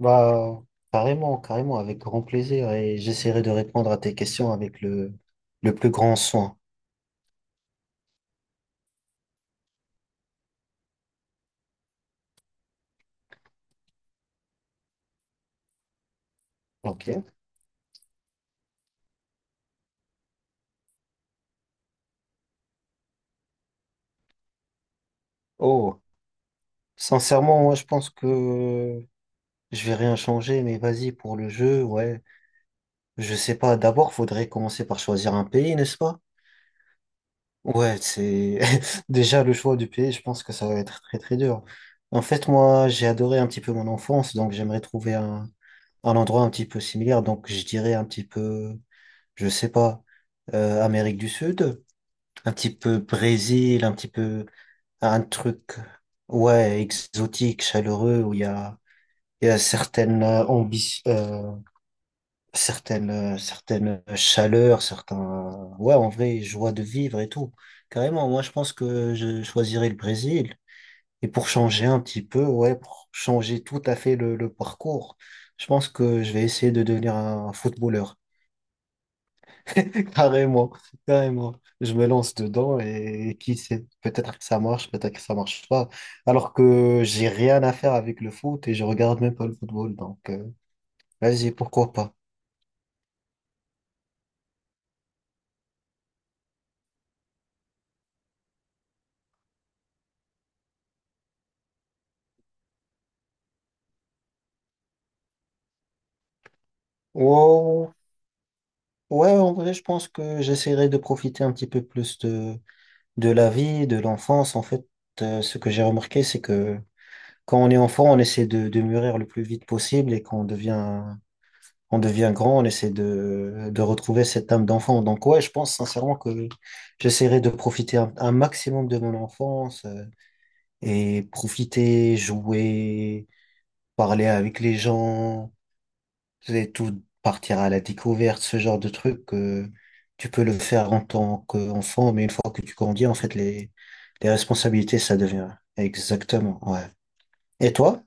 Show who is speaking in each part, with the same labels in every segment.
Speaker 1: Bah, Carrément, carrément, avec grand plaisir. Et j'essaierai de répondre à tes questions avec le plus grand soin. Ok. Oh, sincèrement, moi, je pense que je vais rien changer, mais vas-y, pour le jeu, ouais. Je sais pas, d'abord, faudrait commencer par choisir un pays, n'est-ce pas? Ouais, c'est déjà le choix du pays, je pense que ça va être très, très dur. En fait, moi, j'ai adoré un petit peu mon enfance, donc j'aimerais un endroit un petit peu similaire. Donc, je dirais un petit peu. Je sais pas, Amérique du Sud, un petit peu Brésil, un petit peu un truc, ouais, exotique, chaleureux, où il y a certaines certaines chaleurs, certains, ouais, en vrai, joie de vivre et tout. Carrément, moi, je pense que je choisirais le Brésil. Et pour changer un petit peu, ouais, pour changer tout à fait le parcours, je pense que je vais essayer de devenir un footballeur. Carrément, carrément. Je me lance dedans et qui sait, peut-être que ça marche, peut-être que ça marche pas. Alors que j'ai rien à faire avec le foot et je regarde même pas le football. Donc, vas-y, pourquoi pas. Wow. Ouais, en vrai, je pense que j'essaierai de profiter un petit peu plus de la vie, de l'enfance. En fait, ce que j'ai remarqué, c'est que quand on est enfant, on essaie de mûrir le plus vite possible et quand on devient grand, on essaie de retrouver cette âme d'enfant. Donc ouais, je pense sincèrement que j'essaierai de profiter un maximum de mon enfance, et profiter, jouer, parler avec les gens, et tout, partir à la découverte, ce genre de truc que tu peux le faire en tant qu'enfant, mais une fois que tu grandis, en fait, les responsabilités, ça devient exactement, ouais. Et toi?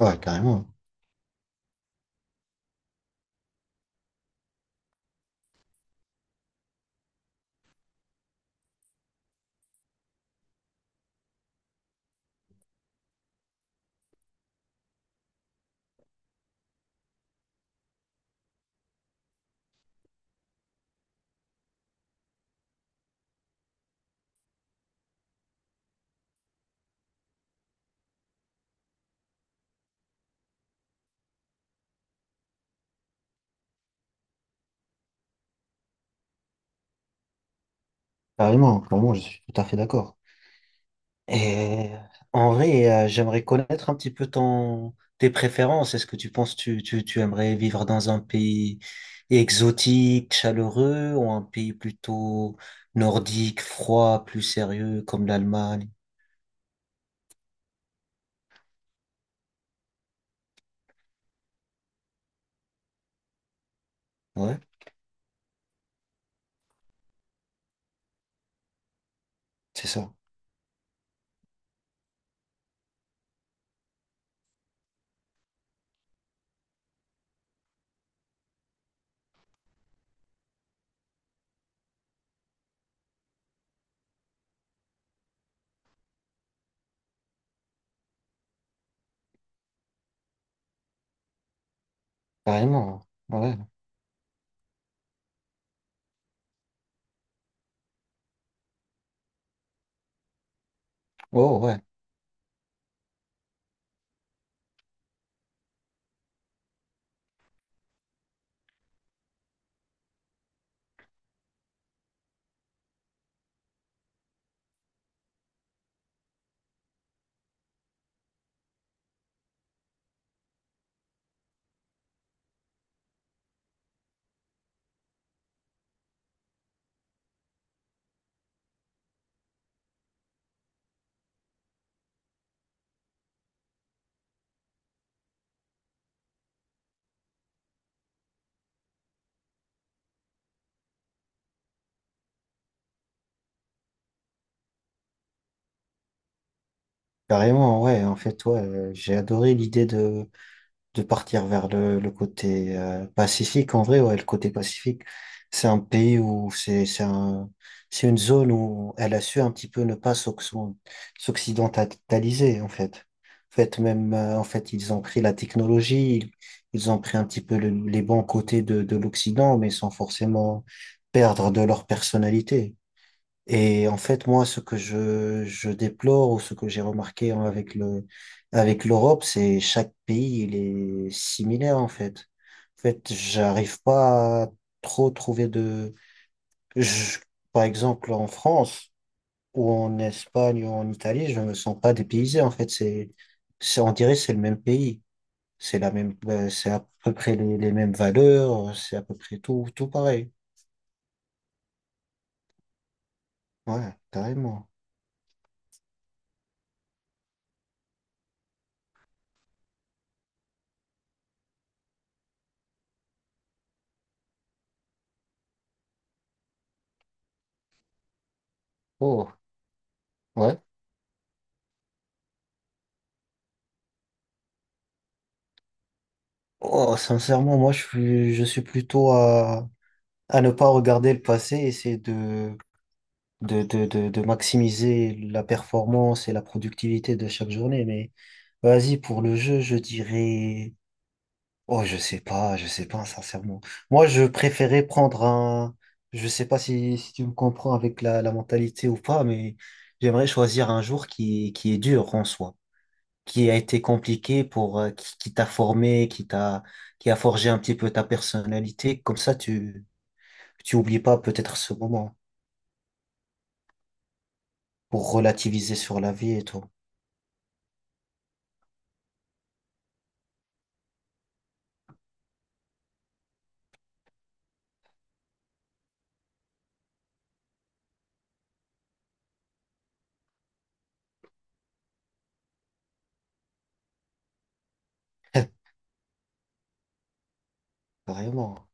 Speaker 1: Ouais, carrément. Carrément, carrément, je suis tout à fait d'accord. Et en vrai, j'aimerais connaître un petit peu tes préférences. Est-ce que tu penses tu, tu, tu aimerais vivre dans un pays exotique, chaleureux, ou un pays plutôt nordique, froid, plus sérieux, comme l'Allemagne? Ouais, c'est ça. Carrément. Ouais. Oh, ouais. Carrément, ouais. En fait, ouais, j'ai adoré l'idée de partir vers le côté Pacifique. En vrai, ouais, le côté Pacifique, c'est un pays où c'est une zone où elle a su un petit peu ne pas s'occidentaliser, en fait. En fait, même, ils ont pris la technologie, ils ont pris un petit peu les bons côtés de l'Occident, mais sans forcément perdre de leur personnalité. Et en fait, moi, ce que je déplore ou ce que j'ai remarqué hein, avec avec l'Europe, c'est chaque pays, il est similaire, en fait. En fait, j'arrive pas à trop trouver de, je- Par exemple, en France ou en Espagne ou en Italie, je me sens pas dépaysé, en fait. On dirait que c'est le même pays. C'est la même, c'est à peu près les mêmes valeurs, c'est à peu près tout pareil. Ouais, carrément. Oh, ouais. Oh, sincèrement, moi, je suis plutôt à ne pas regarder le passé, essayer de maximiser la performance et la productivité de chaque journée. Mais vas-y, pour le jeu, je dirais, oh, je sais pas, sincèrement. Moi, je préférais prendre un, je sais pas si, si tu me comprends avec la mentalité ou pas, mais j'aimerais choisir un jour qui est dur en soi, qui a été compliqué pour, qui t'a formé, qui a forgé un petit peu ta personnalité. Comme ça, tu oublies pas peut-être ce moment pour relativiser sur la vie et tout. Carrément.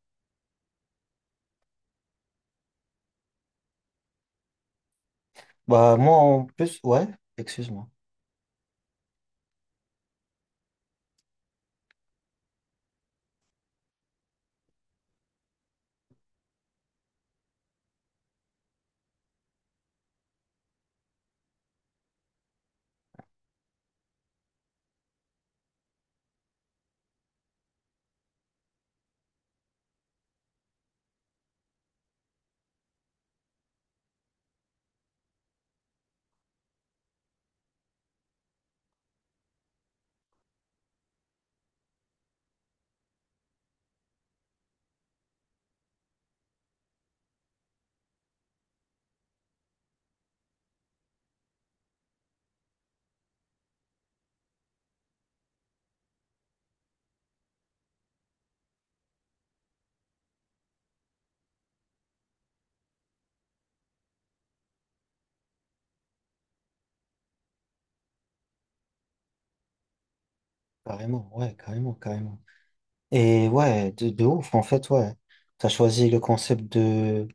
Speaker 1: Bah, moi, en plus, ouais, excuse-moi. Carrément, ouais, carrément, carrément. Et ouais, de ouf, en fait, ouais. T'as choisi le concept de.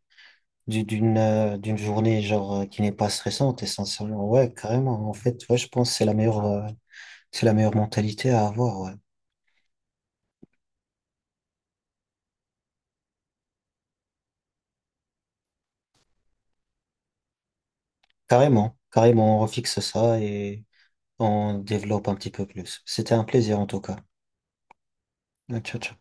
Speaker 1: D'une d'une journée genre qui n'est pas stressante essentiellement, ouais, carrément, en fait, ouais, je pense que c'est la meilleure mentalité à avoir, ouais. Carrément, carrément, on refixe ça et on développe un petit peu plus. C'était un plaisir en tout cas. Ciao ciao.